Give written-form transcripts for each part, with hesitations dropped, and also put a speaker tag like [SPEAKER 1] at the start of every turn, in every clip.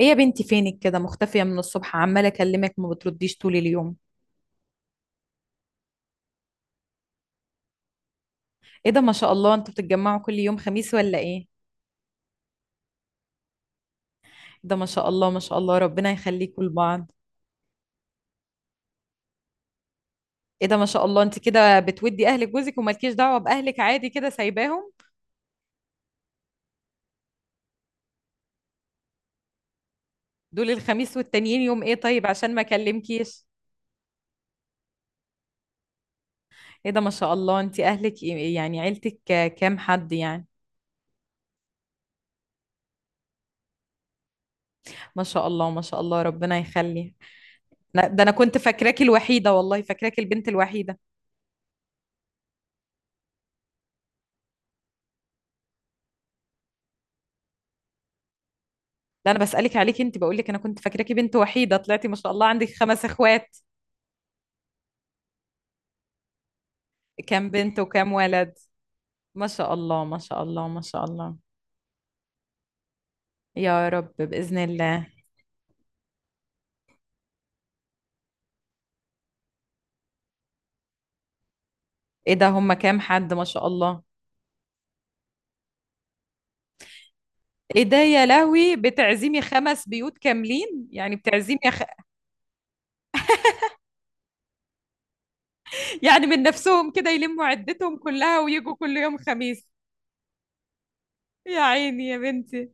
[SPEAKER 1] ايه يا بنتي، فينك كده مختفية من الصبح؟ عمالة اكلمك ما بترديش طول اليوم. ايه ده، ما شاء الله، انتوا بتتجمعوا كل يوم خميس ولا ايه؟ إيه ده ما شاء الله ما شاء الله، ربنا يخليكوا لبعض. ايه ده ما شاء الله، انت كده بتودي اهلك جوزك ومالكيش دعوة باهلك، عادي كده سايباهم؟ دول الخميس والتانيين يوم ايه؟ طيب عشان ما اكلمكيش. ايه ده ما شاء الله، انت اهلك يعني عيلتك كام حد يعني؟ ما شاء الله ما شاء الله، ربنا يخلي. ده انا كنت فاكراكي الوحيدة، والله فاكراكي البنت الوحيدة. لا انا بسألك عليك انت، بقول لك انا كنت فاكراكي بنت وحيدة، طلعتي ما شاء الله عندك خمس اخوات. كام بنت وكام ولد؟ ما شاء الله ما شاء الله ما شاء الله. يا رب، بإذن الله. ايه ده، هم كام حد ما شاء الله؟ ايه ده يا لهوي، بتعزمي خمس بيوت كاملين يعني؟ يعني من نفسهم كده يلموا عدتهم كلها ويجوا كل يوم خميس؟ يا عيني يا بنتي.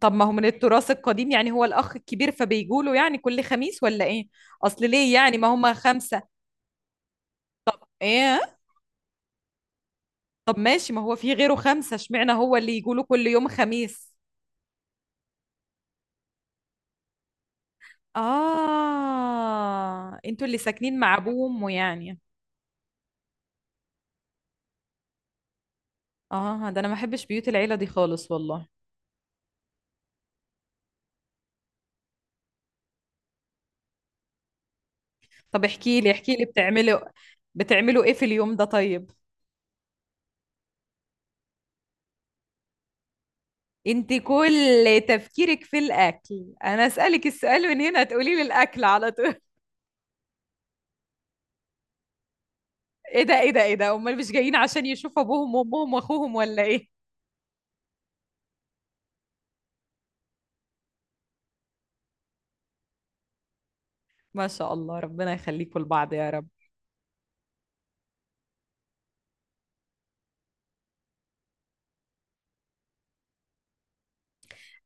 [SPEAKER 1] طب ما هو من التراث القديم، يعني هو الأخ الكبير فبيجوا له يعني كل خميس ولا ايه؟ اصل ليه يعني، ما هم خمسة؟ ايه. طب ماشي، ما هو في غيره خمسة، اشمعنى هو اللي يجوله كل يوم خميس؟ آه، انتوا اللي ساكنين مع أبوه وأمه يعني. آه، ده أنا ما بحبش بيوت العيلة دي خالص والله. طب احكي لي احكي لي بتعملوا، بتعملوا إيه في اليوم ده طيب؟ انت كل تفكيرك في الأكل، أنا أسألك السؤال من هنا تقولي لي الأكل على طول. إيه ده إيه ده إيه ده، أمال مش جايين عشان يشوفوا أبوهم وأمهم وأخوهم ولا إيه؟ ما شاء الله، ربنا يخليكم لبعض يا رب.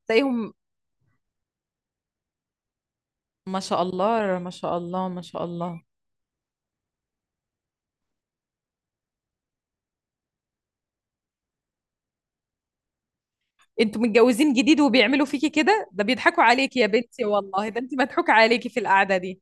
[SPEAKER 1] تلاقيهم ما شاء الله ما شاء الله ما شاء الله. انتوا متجوزين جديد وبيعملوا فيكي كده؟ ده بيضحكوا عليكي يا بنتي والله، ده انت مضحوك عليكي في القعده دي.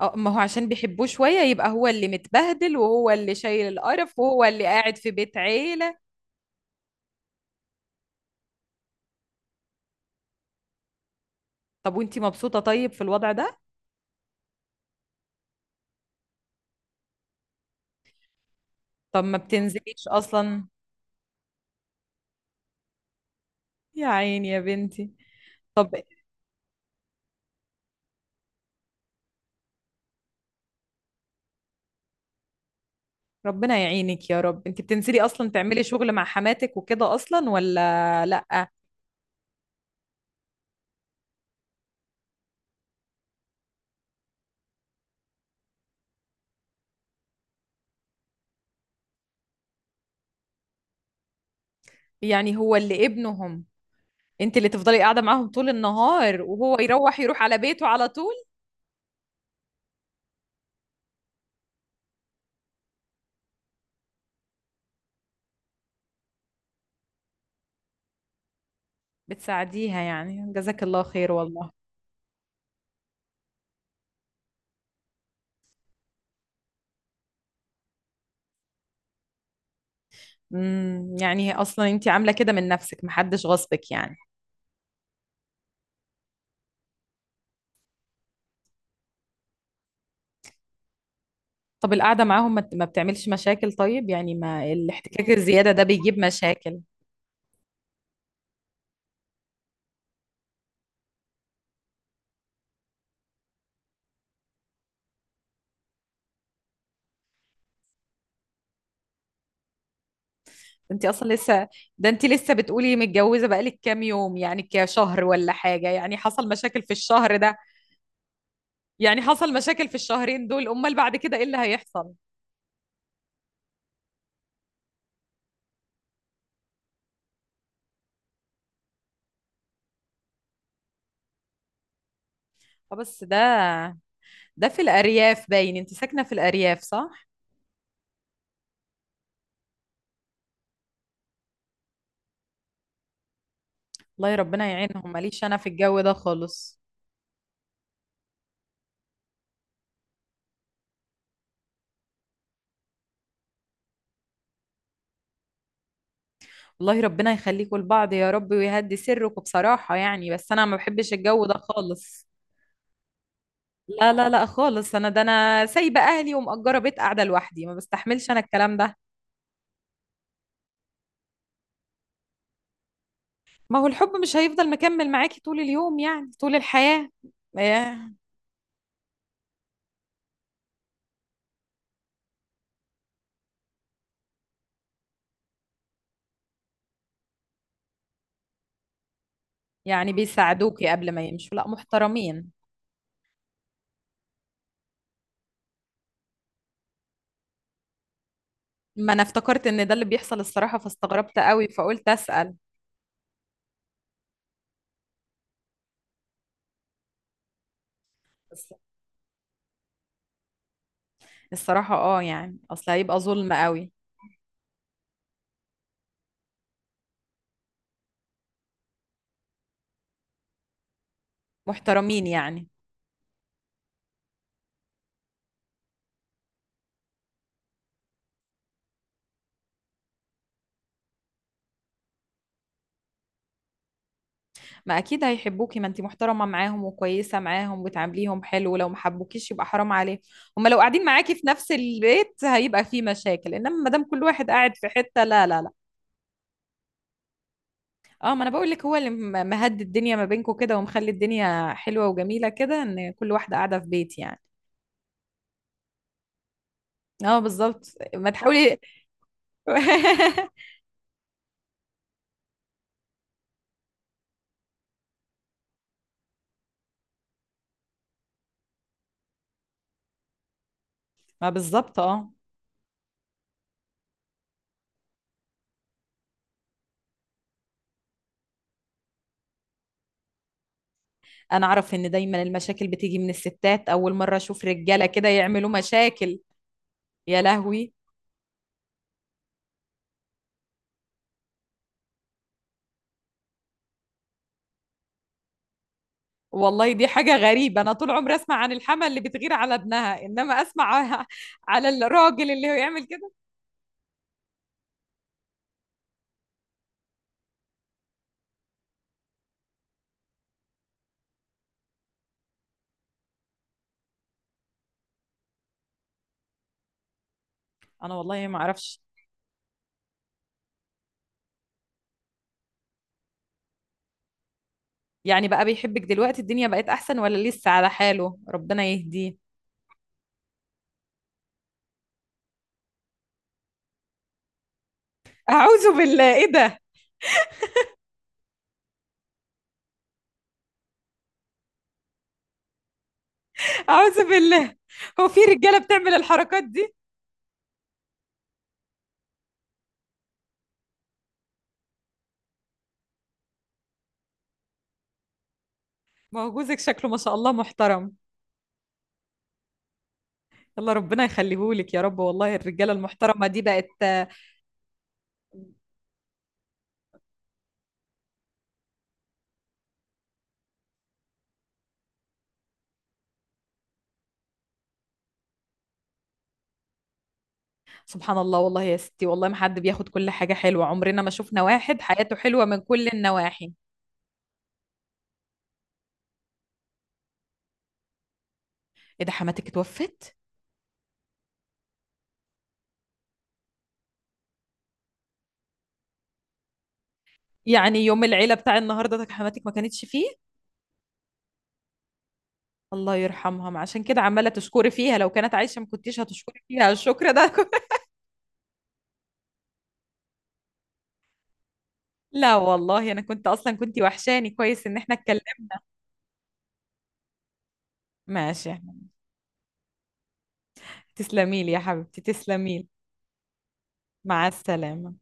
[SPEAKER 1] اه، ما هو عشان بيحبوه شويه يبقى هو اللي متبهدل، وهو اللي شايل القرف، وهو اللي قاعد في بيت عيله. طب وانت مبسوطه طيب في الوضع ده؟ طب ما بتنزليش اصلا؟ يا عيني يا بنتي. طب ربنا يعينك يا رب. انت بتنزلي اصلا تعملي شغل مع حماتك وكده اصلا ولا لا؟ يعني هو اللي ابنهم، انت اللي تفضلي قاعده معاهم طول النهار، وهو يروح على بيته على طول؟ بتساعديها يعني، جزاك الله خير والله. امم، يعني اصلا انت عامله كده من نفسك، محدش غصبك يعني؟ طب القعده معاهم ما بتعملش مشاكل طيب؟ يعني ما الاحتكاك الزياده ده بيجيب مشاكل. انت اصلا لسه، ده انت لسه بتقولي متجوزه بقالك كام يوم يعني، كشهر ولا حاجه، يعني حصل مشاكل في الشهر ده؟ يعني حصل مشاكل في الشهرين دول، امال بعد كده ايه اللي هيحصل؟ اه بس ده، ده في الارياف باين، انت ساكنه في الارياف صح؟ الله، يا ربنا يعينهم، ماليش انا في الجو ده خالص. والله ربنا يخليكم لبعض يا رب، ويهدي سركم، بصراحة يعني، بس أنا ما بحبش الجو ده خالص. لا لا لا خالص، أنا ده أنا سايبة أهلي ومأجرة بيت قاعدة لوحدي، ما بستحملش أنا الكلام ده. ما هو الحب مش هيفضل مكمل معاكي طول اليوم، يعني طول الحياة. إيه. يعني بيساعدوكي قبل ما يمشوا؟ لا محترمين. ما أنا افتكرت إن ده اللي بيحصل الصراحة، فاستغربت قوي فقلت أسأل. بس الصراحة اه، يعني أصل هيبقى ظلم قوي. محترمين يعني. ما اكيد هيحبوكي، ما انتي محترمه معاهم وكويسه معاهم وتعامليهم حلو، لو ما حبوكيش يبقى حرام عليهم. هما لو قاعدين معاكي في نفس البيت هيبقى في مشاكل، انما ما دام كل واحد قاعد في حته، لا لا لا. اه ما انا بقول لك، هو اللي مهدي الدنيا ما بينكم كده ومخلي الدنيا حلوه وجميله كده، ان كل واحده قاعده في بيت يعني. اه بالظبط. ما تحاولي. ما بالظبط اه. انا اعرف ان دايما المشاكل بتيجي من الستات، اول مره اشوف رجاله كده يعملوا مشاكل. يا لهوي، والله دي حاجة غريبة. أنا طول عمري أسمع عن الحما اللي بتغير على ابنها، إنما أسمع على الراجل اللي هو يعمل كده؟ أنا والله ما أعرفش. يعني بقى بيحبك دلوقتي، الدنيا بقت أحسن ولا لسه على حاله؟ ربنا يهديه. أعوذ بالله، إيه ده. أعوذ بالله، هو في رجالة بتعمل الحركات دي؟ ما هو جوزك شكله ما شاء الله محترم. الله، ربنا يخليهولك يا رب، والله الرجالة المحترمة دي بقت. سبحان الله، والله يا ستي، والله ما حد بياخد كل حاجة حلوة، عمرنا ما شفنا واحد حياته حلوة من كل النواحي. ايه ده، حماتك اتوفت؟ يعني يوم العيله بتاع النهارده ده حماتك ما كانتش فيه؟ الله يرحمها. ما عشان كده عماله تشكري فيها، لو كانت عايشه ما كنتيش هتشكري فيها الشكر ده. لا والله، انا كنت اصلا كنت وحشاني، كويس ان احنا اتكلمنا. ماشي يا أحمد. تسلمي لي يا حبيبتي، تسلمي لي. مع السلامه.